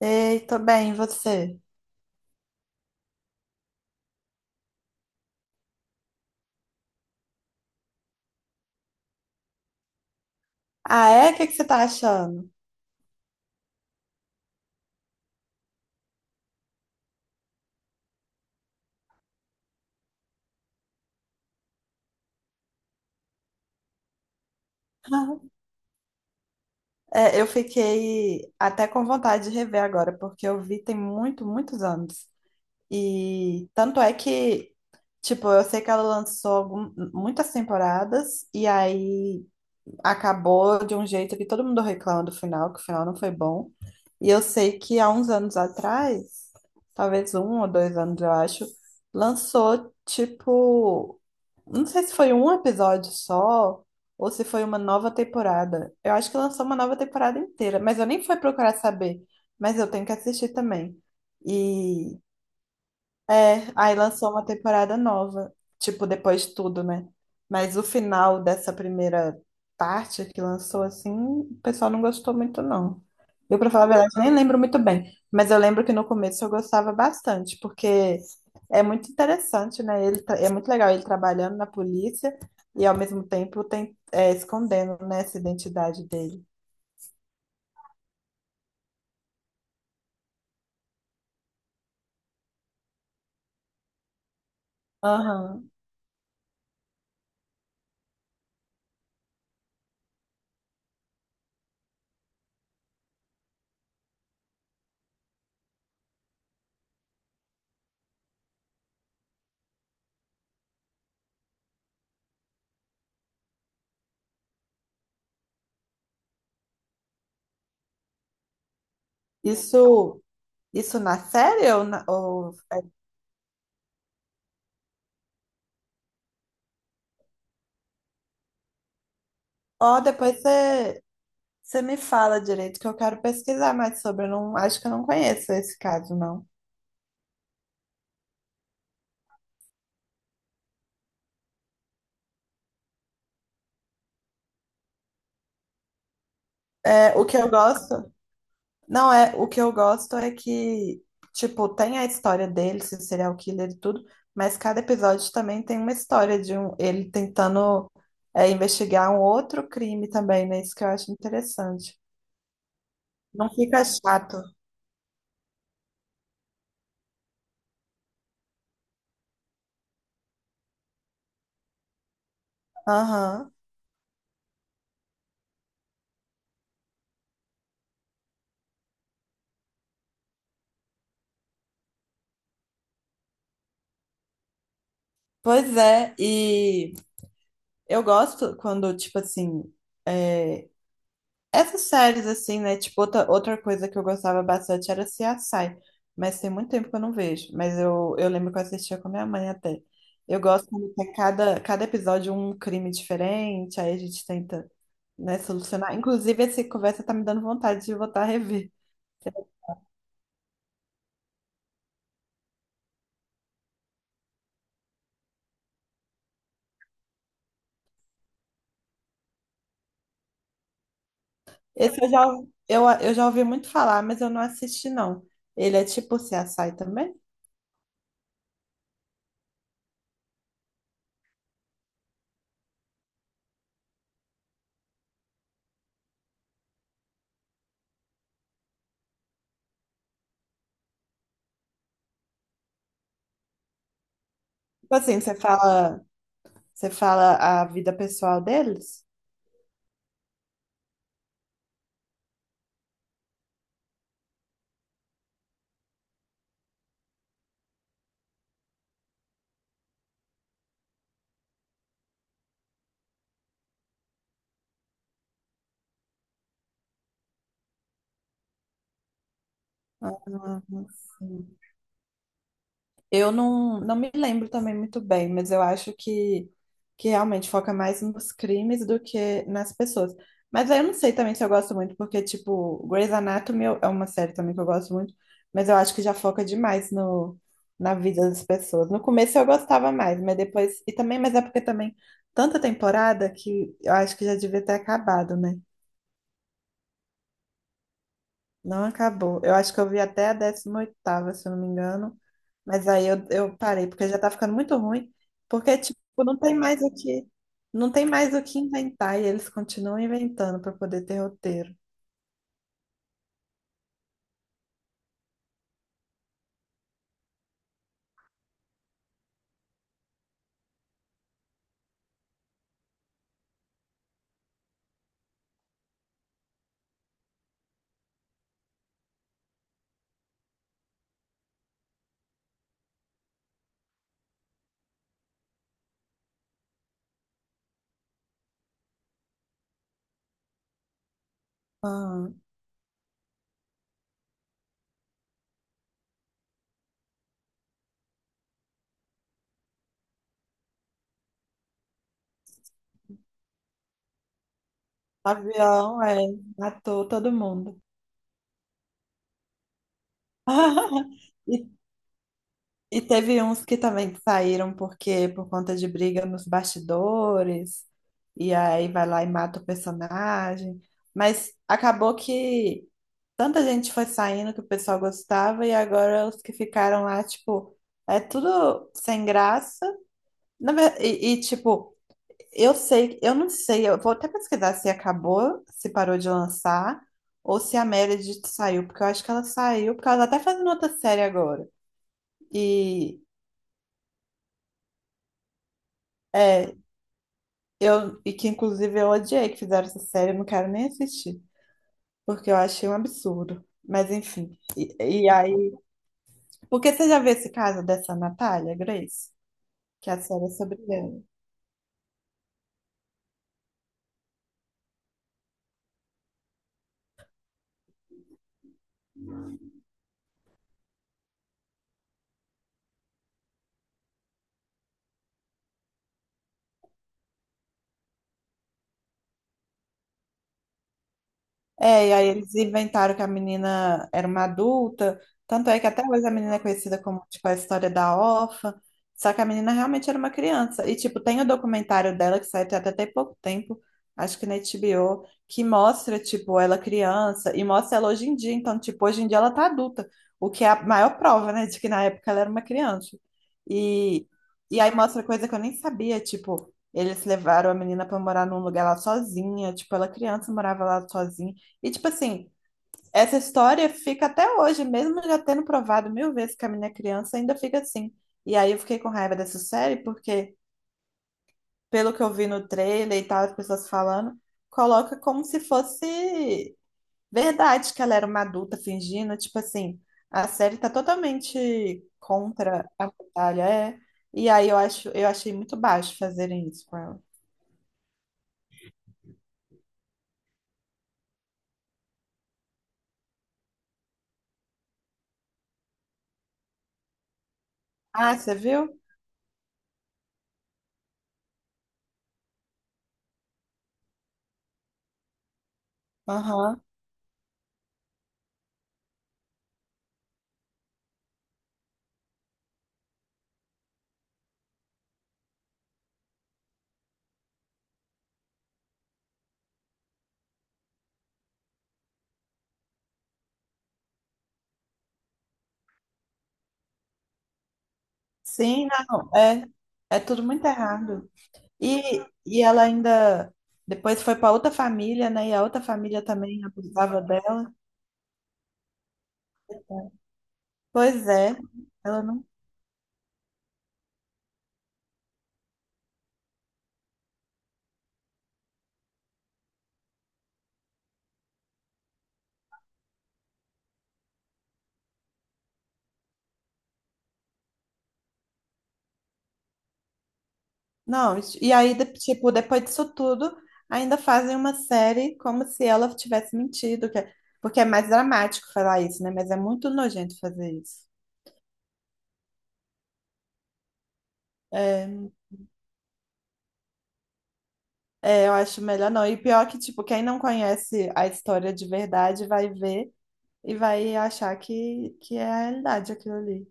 Ei, tô bem, e você? Ah, é? O que que você tá achando? É, eu fiquei até com vontade de rever agora, porque eu vi tem muitos anos. E tanto é que, tipo, eu sei que ela lançou muitas temporadas, e aí acabou de um jeito que todo mundo reclama do final, que o final não foi bom. E eu sei que há uns anos atrás, talvez um ou dois anos, eu acho, lançou, tipo. Não sei se foi um episódio só ou se foi uma nova temporada. Eu acho que lançou uma nova temporada inteira, mas eu nem fui procurar saber. Mas eu tenho que assistir também. E é, aí lançou uma temporada nova, tipo, depois de tudo, né? Mas o final dessa primeira parte que lançou, assim, o pessoal não gostou muito, não. Eu, pra falar a verdade, nem lembro muito bem, mas eu lembro que no começo eu gostava bastante, porque é muito interessante, né? Ele, é muito legal ele trabalhando na polícia e, ao mesmo tempo, tem, é, escondendo, né, essa identidade dele. Aham. Isso, isso, na série ou, na, ou... Ó, depois você. Você me fala direito que eu quero pesquisar mais sobre. Eu não, acho que eu não conheço esse caso, não. É, o que eu gosto, não é, o que eu gosto é que, tipo, tem a história dele, se serial killer e tudo, mas cada episódio também tem uma história de um, ele tentando, é, investigar um outro crime também, né? Isso que eu acho interessante. Não fica chato. Aham. Pois é, e eu gosto quando, tipo assim, é, essas séries, assim, né? Tipo, outra coisa que eu gostava bastante era CSI. Mas tem muito tempo que eu não vejo. Mas eu lembro que eu assistia com a minha mãe até. Eu gosto quando tem cada episódio um crime diferente, aí a gente tenta, né, solucionar. Inclusive, essa conversa tá me dando vontade de voltar a rever. Esse eu já, eu já ouvi muito falar, mas eu não assisti, não. Ele é tipo CSI também? Tipo assim, você fala. Você fala a vida pessoal deles? Não, sei. Eu não, não me lembro também muito bem, mas eu acho que realmente foca mais nos crimes do que nas pessoas. Mas aí eu não sei também se eu gosto muito, porque, tipo, Grey's Anatomy é uma série também que eu gosto muito, mas eu acho que já foca demais no, na vida das pessoas. No começo eu gostava mais, mas depois. E também, mas é porque também tanta temporada que eu acho que já devia ter acabado, né? Não acabou. Eu acho que eu vi até a décima oitava, se eu não me engano. Mas aí eu parei, porque já tá ficando muito ruim. Porque, tipo, não tem mais o que, não tem mais o que inventar. E eles continuam inventando para poder ter roteiro. Ah, avião, é, matou todo mundo. E, e teve uns que também saíram porque por conta de briga nos bastidores, e aí vai lá e mata o personagem. Mas acabou que tanta gente foi saindo que o pessoal gostava, e agora os que ficaram lá, tipo, é tudo sem graça. Tipo, eu sei, eu não sei, eu vou até pesquisar se acabou, se parou de lançar, ou se a Meredith saiu, porque eu acho que ela saiu, porque ela tá até fazendo outra série agora. E é, eu, e que inclusive eu odiei que fizeram essa série, eu não quero nem assistir, porque eu achei um absurdo. Mas enfim. E aí. Porque você já viu esse caso dessa Natália Grace? Que a série é sobre ela. É, e aí eles inventaram que a menina era uma adulta, tanto é que até hoje a menina é conhecida como, tipo, a história da órfã, só que a menina realmente era uma criança. E, tipo, tem o documentário dela que saiu até tem pouco tempo, acho que na HBO, que mostra, tipo, ela criança e mostra ela hoje em dia. Então, tipo, hoje em dia ela tá adulta, o que é a maior prova, né, de que na época ela era uma criança. E, e aí mostra coisa que eu nem sabia, tipo, eles levaram a menina pra morar num lugar lá sozinha, tipo, ela criança morava lá sozinha. E tipo assim, essa história fica até hoje, mesmo já tendo provado mil vezes que a minha criança, ainda fica assim. E aí eu fiquei com raiva dessa série, porque, pelo que eu vi no trailer e tal, as pessoas falando, coloca como se fosse verdade que ela era uma adulta fingindo, tipo assim, a série tá totalmente contra a batalha, é. E aí eu acho, eu achei muito baixo fazerem isso com ela. Ah, você viu? Aham. Sim, não, é, é tudo muito errado. E ela ainda depois foi para outra família, né? E a outra família também abusava dela. Pois é, ela não. Não, isso- e aí, tipo, depois disso tudo, ainda fazem uma série como se ela tivesse mentido, porque é mais dramático falar isso, né? Mas é muito nojento fazer isso. É, eu acho melhor não. E pior que, tipo, quem não conhece a história de verdade vai ver e vai achar que é a realidade aquilo ali.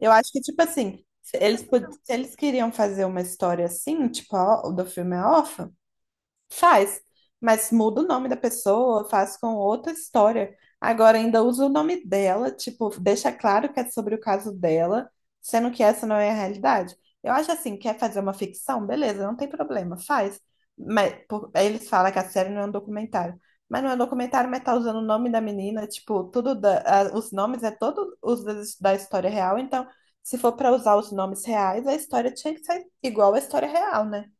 Eu acho que, tipo assim, se eles, se eles queriam fazer uma história assim, o do filme A Faz, mas muda o nome da pessoa, faz com outra história. Agora ainda usa o nome dela, tipo, deixa claro que é sobre o caso dela, sendo que essa não é a realidade. Eu acho assim, quer fazer uma ficção? Beleza, não tem problema, faz. Aí eles falam que a série não é um documentário. Mas não é um documentário, mas tá usando o nome da menina, tipo, os nomes é todo os da história real, então se for para usar os nomes reais, a história tinha que ser igual à história real, né?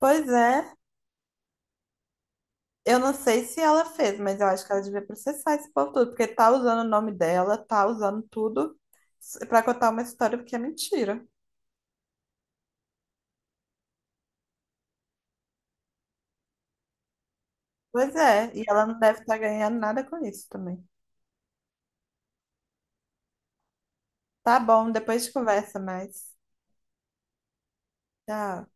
Pois é, eu não sei se ela fez, mas eu acho que ela devia processar esse povo tudo, porque tá usando o nome dela, tá usando tudo pra contar uma história que é mentira. Pois é, e ela não deve estar ganhando nada com isso também. Tá bom, depois a gente conversa mais. Tchau.